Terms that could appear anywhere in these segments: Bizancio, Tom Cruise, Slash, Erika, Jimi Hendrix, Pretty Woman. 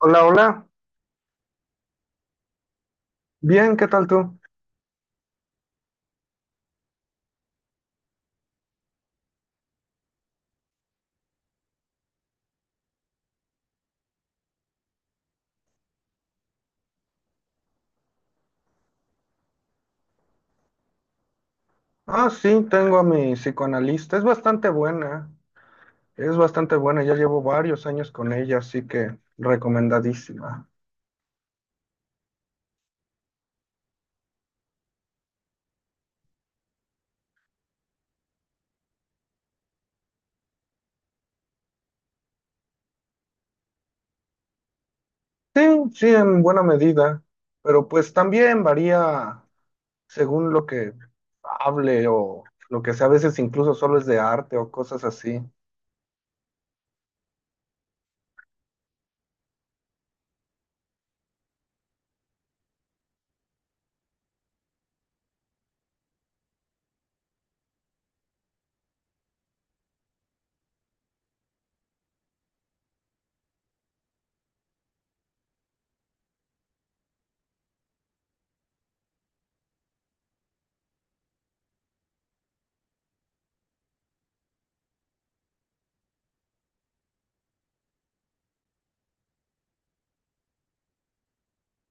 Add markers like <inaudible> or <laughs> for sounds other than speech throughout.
Hola, hola. Bien, ¿qué tal tú? Ah, sí, tengo a mi psicoanalista. Es bastante buena. Es bastante buena. Ya llevo varios años con ella, así que recomendadísima. Sí, sí, en buena medida. Pero pues también varía según lo que hable o lo que sea. A veces incluso solo es de arte o cosas así.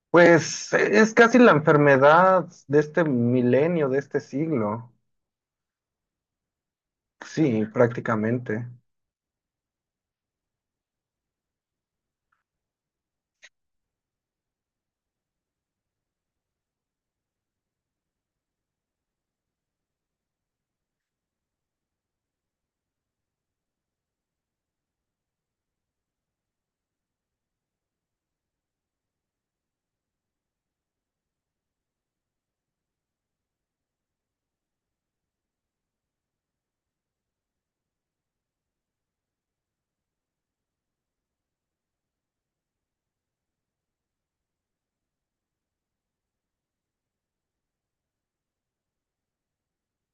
Pues es casi la enfermedad de este milenio, de este siglo. Sí, prácticamente.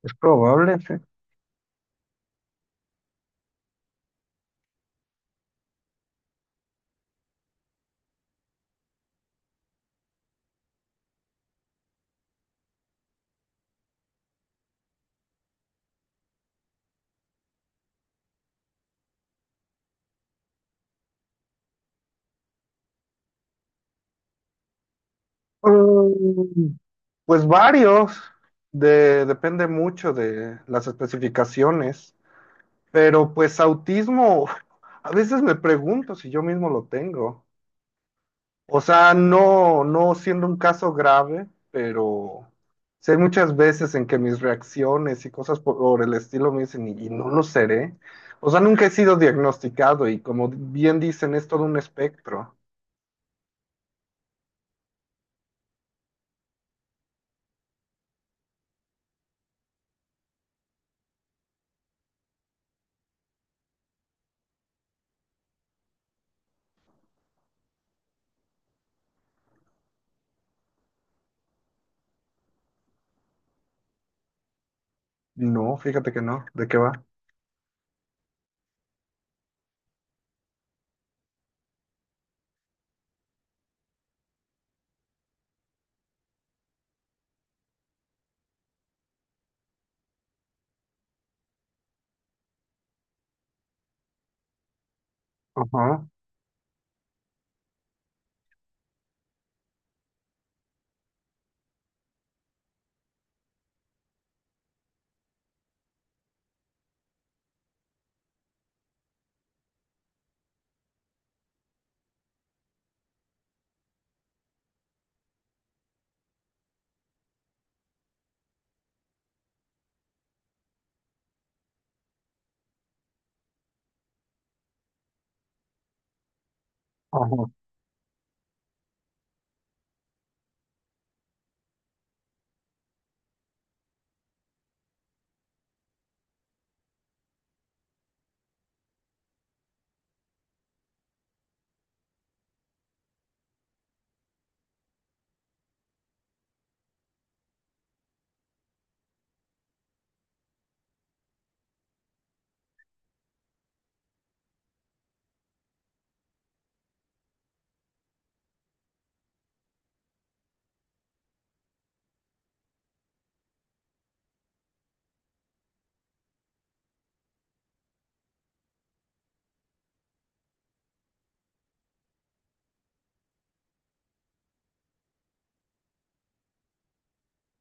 Es probable, sí. Mm, pues varios, depende mucho de las especificaciones, pero pues autismo, <laughs> a veces me pregunto si yo mismo lo tengo. O sea, no, no siendo un caso grave, pero sí hay muchas veces en que mis reacciones y cosas por el estilo me dicen, y no lo seré. O sea, nunca he sido diagnosticado y como bien dicen, es todo un espectro. No, fíjate que no. ¿De qué va? Ajá,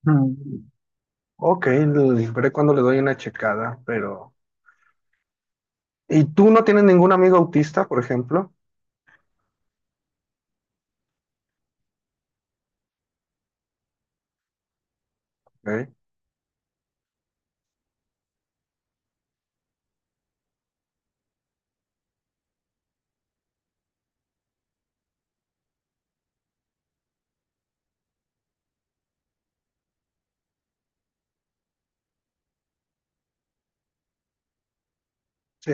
ajá. Ok, veré cuando le doy una checada, pero... ¿Y tú no tienes ningún amigo autista, por ejemplo? Ok, sí.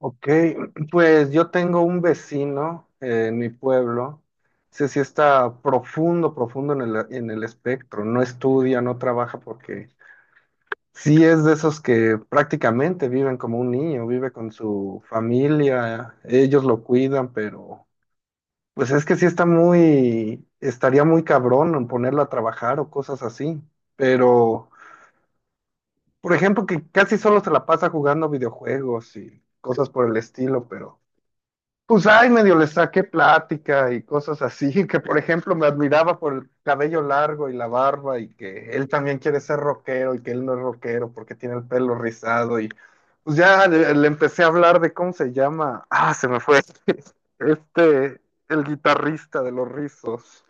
Ok, pues yo tengo un vecino en mi pueblo. Ese sí está profundo, profundo en el espectro. No estudia, no trabaja porque sí es de esos que prácticamente viven como un niño, vive con su familia, ellos lo cuidan, pero... Pues es que sí está muy, estaría muy cabrón en ponerlo a trabajar o cosas así. Pero, por ejemplo, que casi solo se la pasa jugando videojuegos y cosas por el estilo, pero pues ay, medio le saqué plática y cosas así, <laughs> que por ejemplo me admiraba por el cabello largo y la barba y que él también quiere ser rockero y que él no es rockero porque tiene el pelo rizado y pues ya le empecé a hablar de cómo se llama, ah, se me fue, <laughs> este, el guitarrista de los rizos.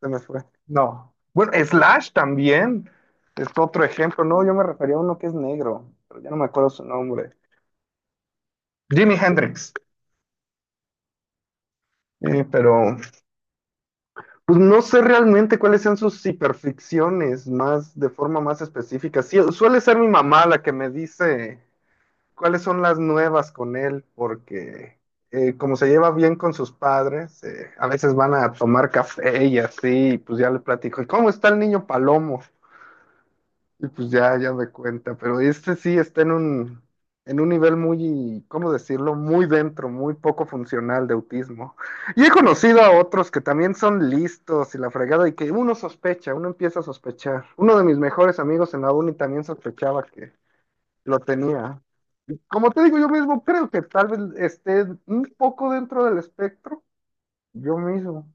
Se me fue. No. Bueno, Slash también. Es otro ejemplo. No, yo me refería a uno que es negro, pero ya no me acuerdo su nombre. Jimi Hendrix. Pero pues no sé realmente cuáles sean sus hiperficciones más de forma más específica. Sí, suele ser mi mamá la que me dice cuáles son las nuevas con él, porque como se lleva bien con sus padres, a veces van a tomar café y así, y pues ya le platico, ¿y cómo está el niño Palomo? Y pues ya, ya me cuenta, pero este sí está en un nivel muy, ¿cómo decirlo? Muy dentro, muy poco funcional de autismo. Y he conocido a otros que también son listos y la fregada y que uno sospecha, uno empieza a sospechar. Uno de mis mejores amigos en la uni también sospechaba que lo tenía. Y como te digo, yo mismo creo que tal vez esté un poco dentro del espectro, yo mismo.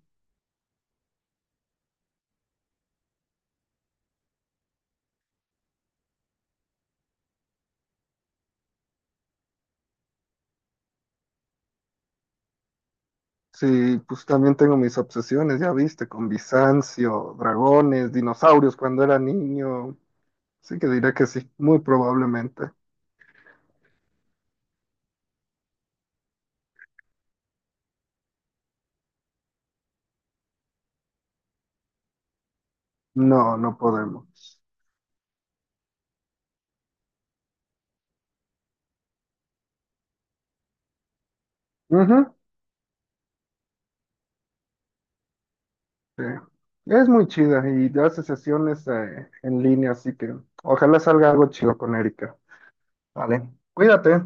Sí, pues también tengo mis obsesiones, ya viste, con Bizancio, dragones, dinosaurios cuando era niño. Así que diré que sí, muy probablemente. No, no podemos. Ujú, sí. Es muy chida y hace sesiones en línea, así que ojalá salga algo chido con Erika. Vale, cuídate.